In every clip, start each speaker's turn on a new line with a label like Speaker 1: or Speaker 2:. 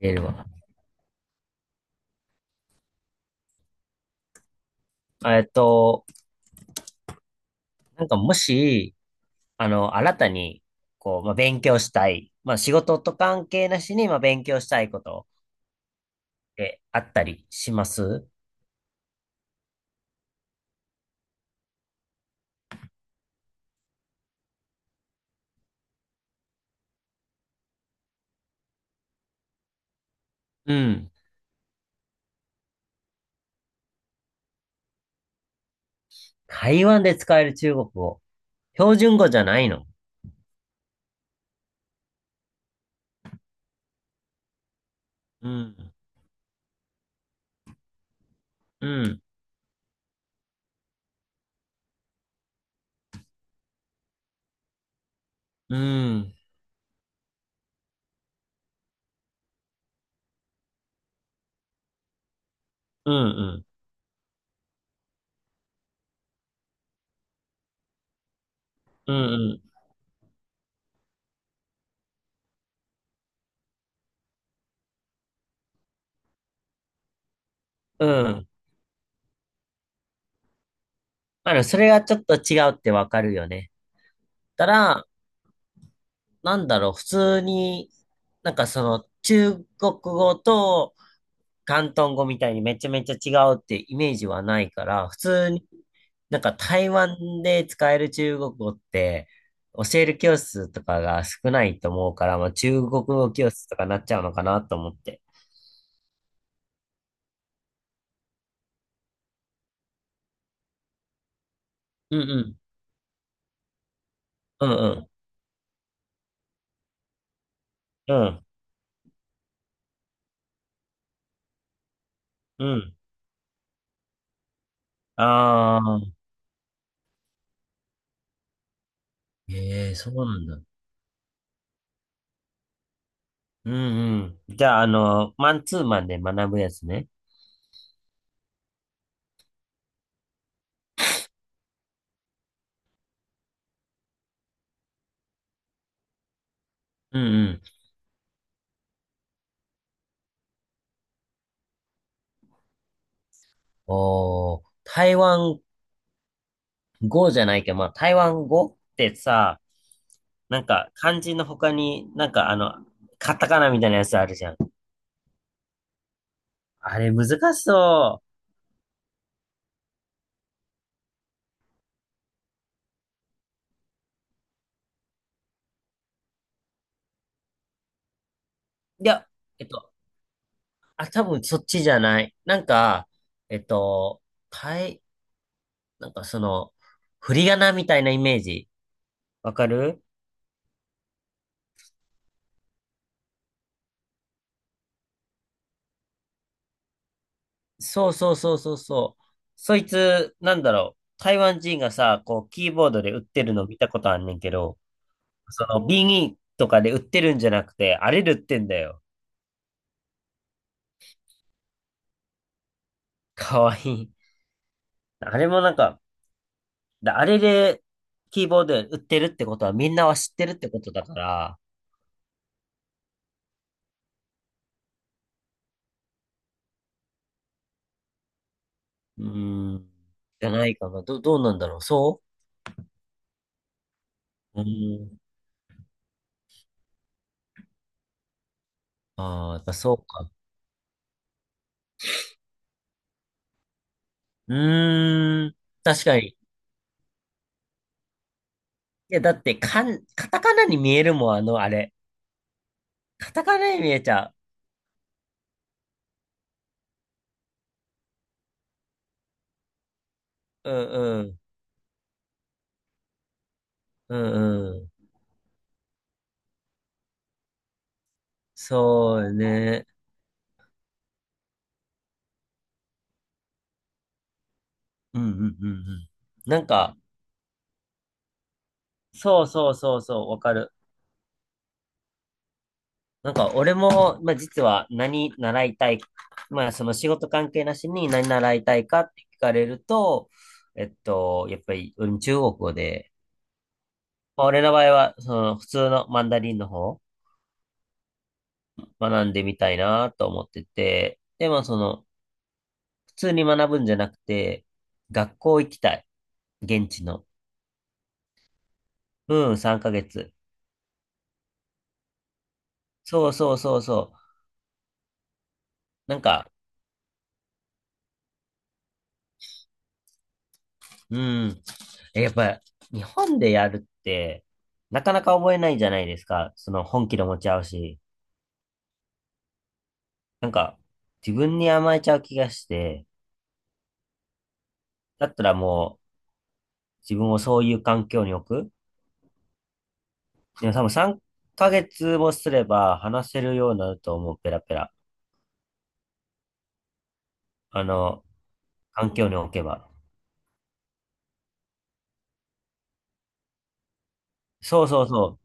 Speaker 1: ええっと、もし、新たに、勉強したい。まあ、仕事と関係なしに、まあ、勉強したいことってあったりします？うん、台湾で使える中国語。標準語じゃないの？うん、うん、うん、うん、うん、うん、うん。あの、それがちょっと違うってわかるよね。たら、なんだろう、普通に、その、中国語と、広東語みたいにめちゃめちゃ違うってイメージはないから、普通になんか台湾で使える中国語って教える教室とかが少ないと思うから、まあ、中国語教室とかなっちゃうのかなと思って。うんうん。うんうん。うんうん。ああ。ええ、そうなんだ。うんうん。じゃあ、あの、マンツーマンで学ぶやつね。うんうん。おー、台湾語じゃないけど、まあ、台湾語ってさ、なんか、漢字の他に、なんかあの、カタカナみたいなやつあるじゃん。あれ難しそう。いや、えっと、あ、多分そっちじゃない。なんか、えっと、たい、なんかその、振り仮名みたいなイメージ。わかる？そうそうそうそうそう。そいつ、なんだろう。台湾人がさ、こう、キーボードで打ってるの見たことあんねんけど、その、ビニとかで売ってるんじゃなくて、あれで売ってんだよ。かわいい。あれもなんか、であれで、キーボード売ってるってことはみんなは知ってるってことだから、うーん、じゃないかな。ど、どうなんだろう。そううーん。ああ、やっぱそうか。うーん、確かに。いや、だって、カタカナに見えるもん、あの、あれ。カタカナに見えちゃう。うんうん。うんうん。そうね。うんうんうんうん。なんか、そうそうそうそう、わかる。なんか俺も、まあ、実は何習いたい、まあその仕事関係なしに何習いたいかって聞かれると、えっと、やっぱりうん中国語で、まあ、俺の場合はその普通のマンダリンの方学んでみたいなと思ってて、でもその普通に学ぶんじゃなくて、学校行きたい。現地の。うん、3ヶ月。そうそうそうそう。なんか、うん。え、やっぱ、日本でやるって、なかなか覚えないじゃないですか。その本気で持ち合うし。なんか、自分に甘えちゃう気がして、だったらもう、自分をそういう環境に置く。でも多分3ヶ月もすれば話せるようになると思う、ペラペラ。あの、環境に置けば。そうそうそ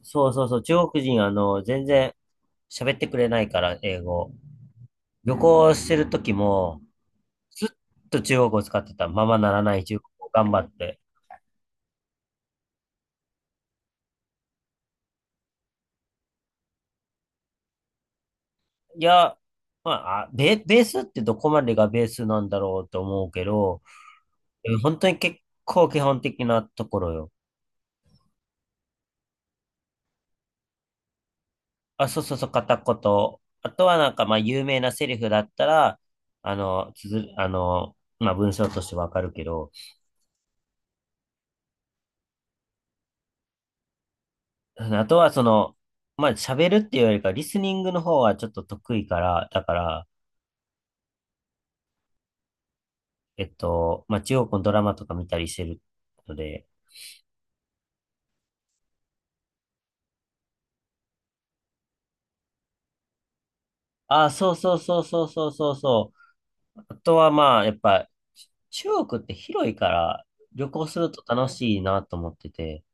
Speaker 1: う。そうそうそう。中国人、あの、全然喋ってくれないから、英語。旅行してる時も、ずっと中国語を使ってた。ままならない中国語を頑張って。いや、まあ、ベースってどこまでがベースなんだろうと思うけど、え本当に結構基本的なところよ。あ、そうそうそう、片言。あとはなんか、まあ、有名なセリフだったら、あの、まあ、文章としてわかるけど、あとはその、まあ、喋るっていうよりか、リスニングの方はちょっと得意から、だから、えっと、まあ、中国のドラマとか見たりしてるので、あ、そうそうそうそうそうそうそう。あとはまあ、やっぱ、中国って広いから旅行すると楽しいなと思ってて、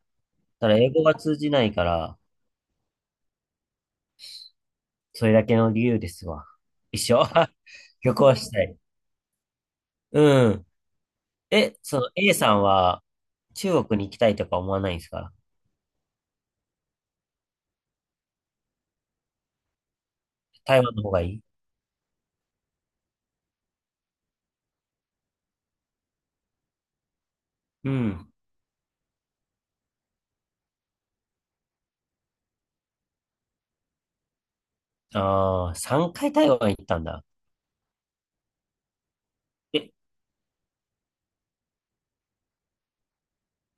Speaker 1: ただ英語が通じないから、それだけの理由ですわ。一緒 旅行したい。うん。え、その A さんは中国に行きたいとか思わないんですか？台湾の方がいい？うん。ああ、3回台湾行ったんだ。え、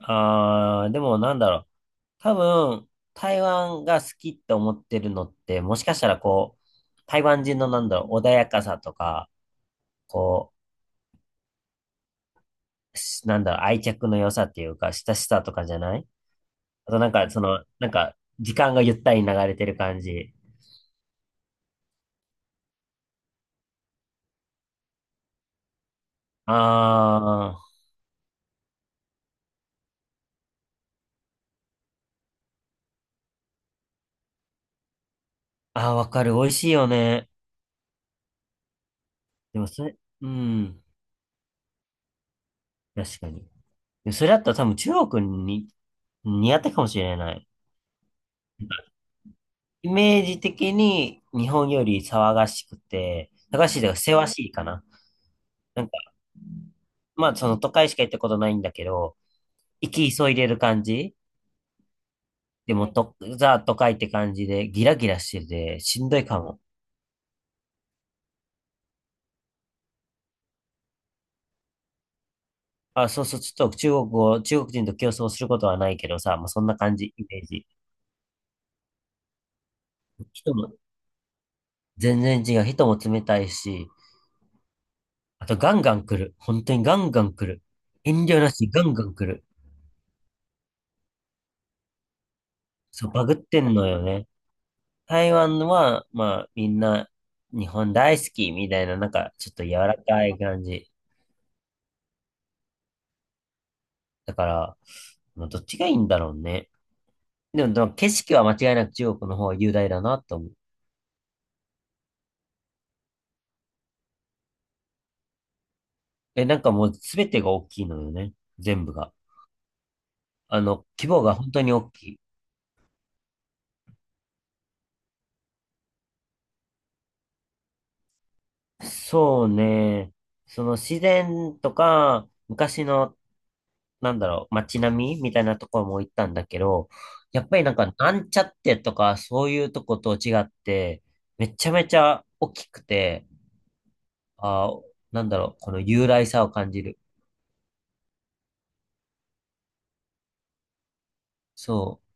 Speaker 1: ああ、でもなんだろう。多分、台湾が好きって思ってるのって、もしかしたらこう、台湾人のなんだろう、穏やかさとか、こなんだろう、愛着の良さっていうか、親しさとかじゃない？あとなんか、その、なんか、時間がゆったり流れてる感じ。あー、あー、わかる。美味しいよね。でもそれ、うん、確かに。でそれだったら多分中国に似合ったかもしれない。イメージ的に日本より騒がしくて、騒がしいというか、せわしいかな。まあ、その都会しか行ったことないんだけど、行き急いでる感じ。でもはい。と、ザ都会って感じで、ギラギラしてて、しんどいかも。あ、そうそう、ちょっと中国語、中国人と競争することはないけどさ、もうそんな感じ、イメージ。人も全然違う。人も冷たいし、あとガンガン来る。本当にガンガン来る。遠慮なし、ガンガン来る。そう、バグってんのよね。台湾は、まあ、みんな、日本大好きみたいな、なんか、ちょっと柔らかい感じ。だから、まあどっちがいいんだろうね。でも、でも景色は間違いなく中国の方が雄大だなと思う。え、なんかもう全てが大きいのよね。全部が。あの、規模が本当に大きい。そうね。その自然とか、昔の、なんだろう、街並みみたいなところも行ったんだけど、やっぱりなんか、なんちゃってとか、そういうとこと違って、めちゃめちゃ大きくて、あー、なんだろう、この雄大さを感じる。そう。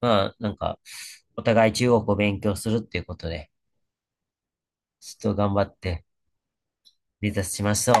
Speaker 1: まあ、なんか、お互い中国を勉強するっていうことで、ちょっと頑張って目指しましょう。